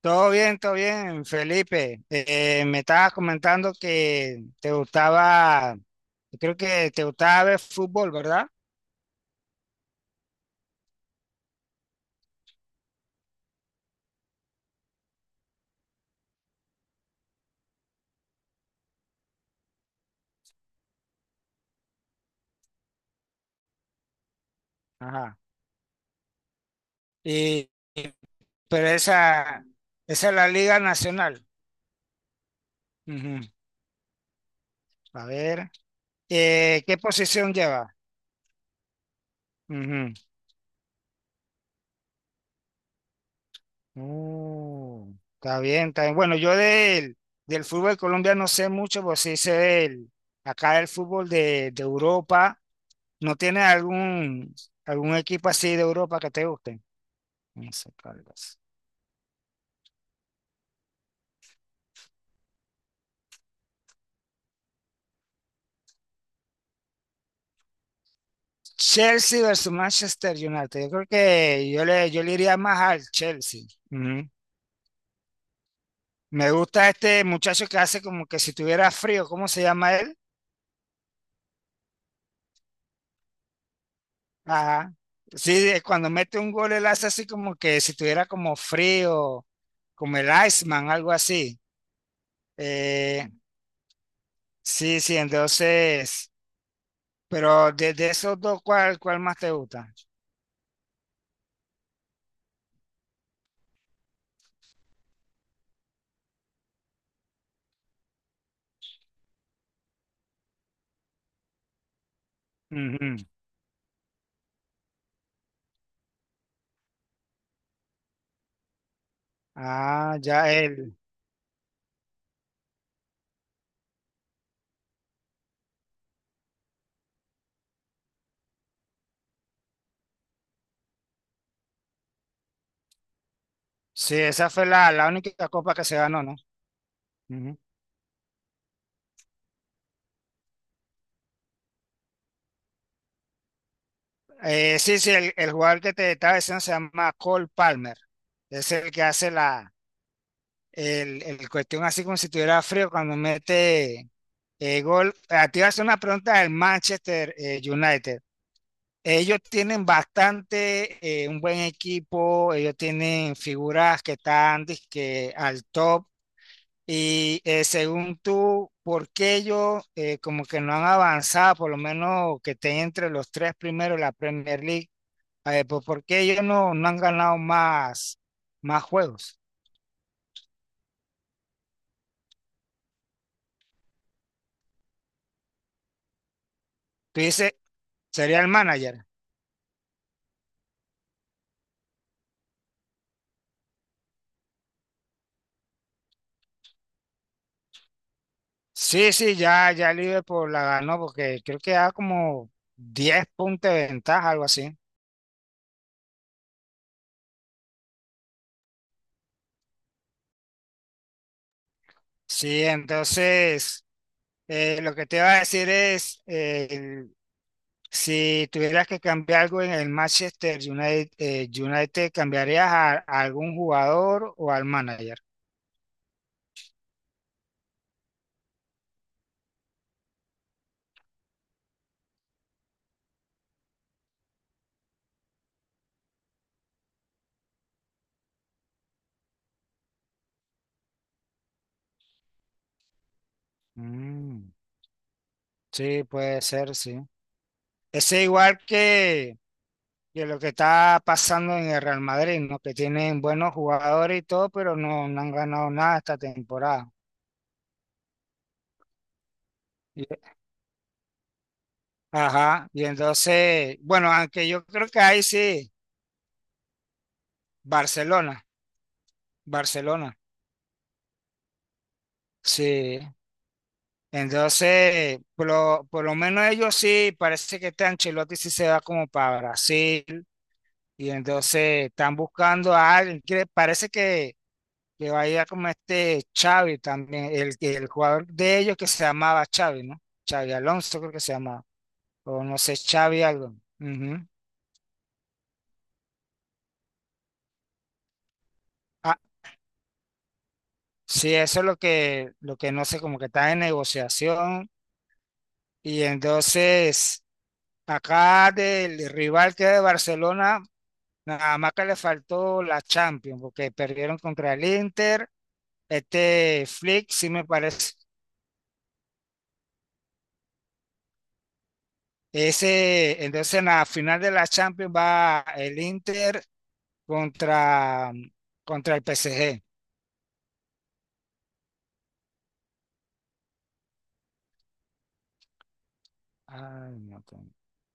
Todo bien, Felipe. Me estabas comentando que te gustaba, yo creo que te gustaba ver fútbol, ¿verdad? Ajá. Y, y- pero esa es la Liga Nacional. Ujú. A ver, ¿qué posición lleva? Ujú. Está bien, está bien. Bueno, del fútbol colombiano no sé mucho, pues sí sé del, acá del fútbol de Europa. ¿No tienes algún equipo así de Europa que te guste? No sé cuál es. Chelsea versus Manchester United. Yo creo que yo le iría más al Chelsea. Ujú. Me gusta este muchacho que hace como que si tuviera frío. ¿Cómo se llama él? Ajá. Sí, cuando mete un gol, él hace así como que si tuviera como frío, como el Iceman, algo así. Eh, sí, sí, entonces, pero de esos dos, ¿cuál más te gusta? Ah, ya él. Sí, esa fue la única copa que se ganó, ¿no? Ujú. El jugador que te estaba diciendo se llama Cole Palmer. Es el que hace la el cuestión así como si tuviera frío cuando mete gol. A ti hace una pregunta del Manchester United. Ellos tienen bastante, un buen equipo, ellos tienen figuras que están dizque, al top. Y según tú, ¿por qué ellos como que no han avanzado, por lo menos que estén entre los tres primeros de la Premier League? Pues, ¿por qué ellos no han ganado más juegos? Tú dices, sería el manager. Sí, sí, ya Liverpool la ganó porque creo que da como 10 puntos de ventaja, algo así. Sí, entonces, lo que te iba a decir es si tuvieras que cambiar algo en el Manchester United, United, ¿cambiarías a algún jugador o al manager? Mm, sí, puede ser, sí. Es igual que lo que está pasando en el Real Madrid, ¿no? Que tienen buenos jugadores y todo, pero no han ganado nada esta temporada. Y- ajá, y entonces, bueno, aunque yo creo que ahí sí, Barcelona, Barcelona, sí. Entonces, por lo menos ellos sí, parece que este Ancelotti sí se va como para Brasil y entonces están buscando a alguien, que parece que va a ir como este Xavi también, el jugador de ellos que se llamaba Xavi, ¿no? Xavi Alonso creo que se llamaba, o no sé, Xavi algo. Ujú. Ah, sí, eso es lo lo que no sé, como que está en negociación y entonces... Acá del rival que es de Barcelona, nada más que le faltó la Champions, porque perdieron contra el Inter. Este Flick, sí me parece. Ese, entonces en la final de la Champions va el Inter contra, contra el PSG. Ay, no, con-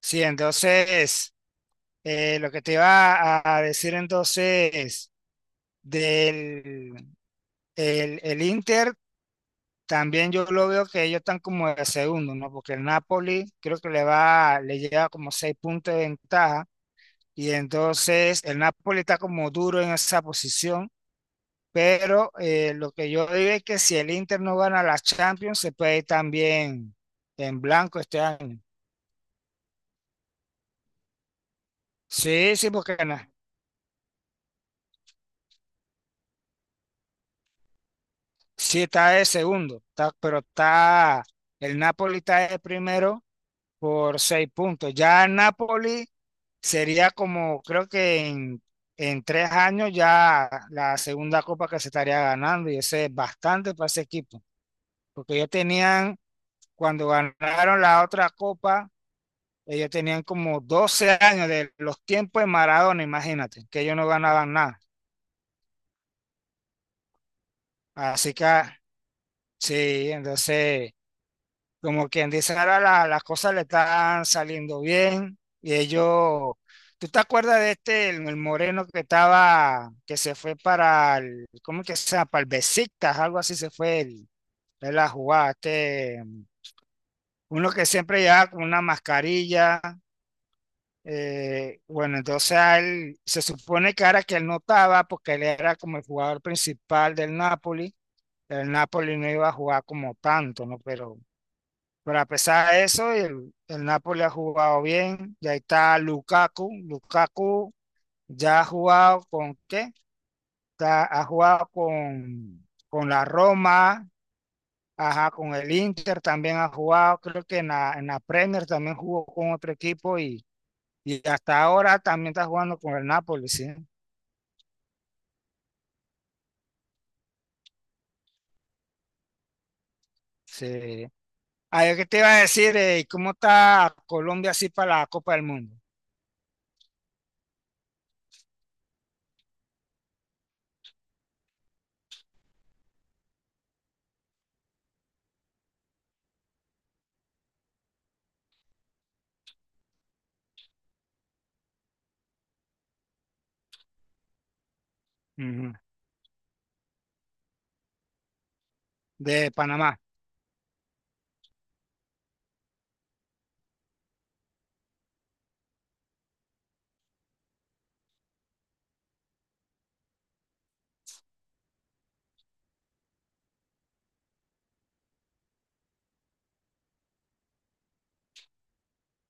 Sí, entonces lo que te iba a decir entonces del el Inter, también yo lo veo que ellos están como de segundo, ¿no? Porque el Napoli creo que le va, le lleva como seis puntos de ventaja. Y entonces el Napoli está como duro en esa posición, pero lo que yo digo es que si el Inter no gana la Champions, se puede ir también en blanco este año. Sí, sí, porque sí está de segundo, está- pero está el Napoli está de primero por seis puntos. Ya el Napoli sería como, creo que en tres años ya la segunda copa que se estaría ganando y ese es bastante para ese equipo, porque ellos tenían cuando ganaron la otra copa, ellos tenían como 12 años de los tiempos de Maradona, imagínate, que ellos no ganaban nada. Así que sí, entonces, como quien dice, ahora las cosas le están saliendo bien y ellos... ¿Tú te acuerdas de este, el moreno que estaba, que se fue para el, ¿cómo que se llama? Para el Besiktas, algo así se fue él a jugar, este, uno que siempre llevaba con una mascarilla. Bueno, entonces a él, se supone que ahora que él notaba, porque él era como el jugador principal del Napoli, el Napoli no iba a jugar como tanto, ¿no? Pero a pesar de eso, el Napoli ha jugado bien, y ahí está Lukaku, Lukaku ya ha jugado con, ¿qué? Ya ha jugado con la Roma, ajá, con el Inter también ha jugado, creo que en en la Premier también jugó con otro equipo y hasta ahora también está jugando con el Napoli, sí. Sí. Ah, yo qué te iba a decir, ¿cómo está Colombia así para la Copa del Mundo? Ujú. De Panamá,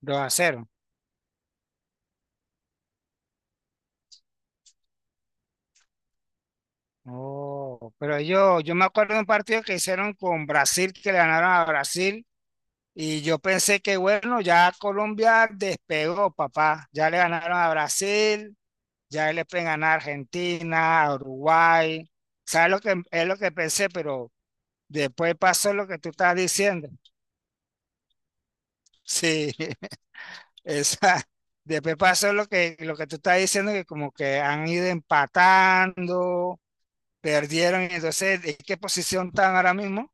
2 a cero. Oh, pero yo me acuerdo de un partido que hicieron con Brasil, que le ganaron a Brasil, y yo pensé que bueno, ya Colombia despegó, papá. Ya le ganaron a Brasil, ya le pueden ganar a Argentina, a Uruguay. ¿Sabes lo que es lo que pensé? Pero después pasó lo que tú estás diciendo. Sí, esa. Después pasó lo lo que tú estás diciendo, que como que han ido empatando, perdieron, y entonces, ¿en qué posición están ahora mismo?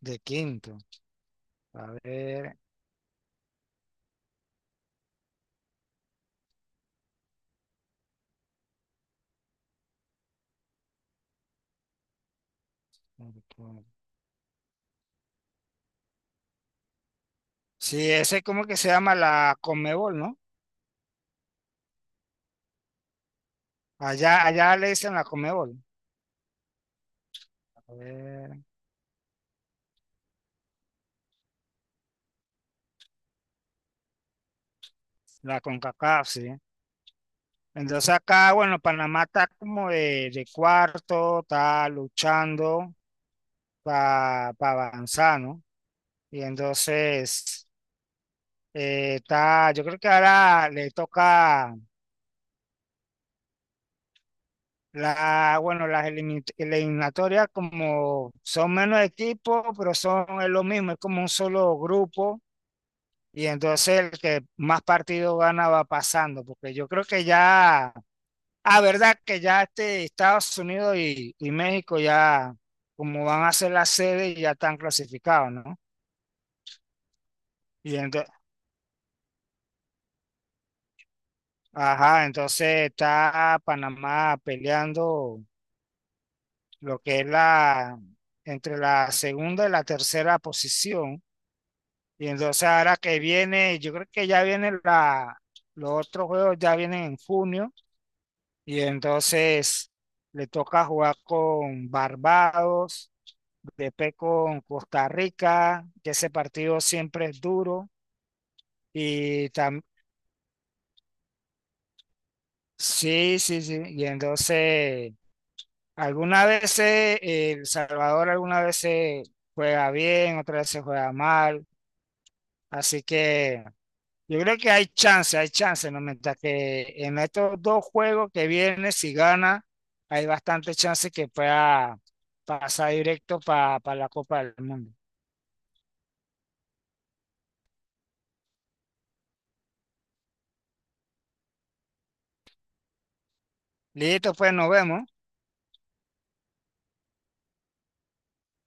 De quinto. A ver. Sí, ese como que se llama la Conmebol, ¿no? Allá, allá le dicen la Conmebol. A ver, la CONCACAF, sí. Entonces acá, bueno, Panamá está como de cuarto, está luchando para avanzar, ¿no? Y entonces... yo creo que ahora le toca bueno, eliminatorias como son menos equipos, pero son es lo mismo, es como un solo grupo y entonces el que más partidos gana va pasando, porque yo creo que ya, ah, verdad que ya este Estados Unidos y México ya como van a ser la sede ya están clasificados, ¿no? Y entonces, ajá, entonces está Panamá peleando lo que es la, entre la segunda y la tercera posición. Y entonces ahora que viene, yo creo que ya viene la, los otros juegos ya vienen en junio y entonces le toca jugar con Barbados, después con Costa Rica, que ese partido siempre es duro. Y también, sí, sí, sí. Y entonces, algunas veces El Salvador, algunas veces juega bien, otras veces juega mal. Así que yo creo que hay chance, ¿no? Mientras que en estos dos juegos que vienen, si gana, hay bastante chance que pueda pasar directo para la Copa del Mundo. Listo, pues nos vemos.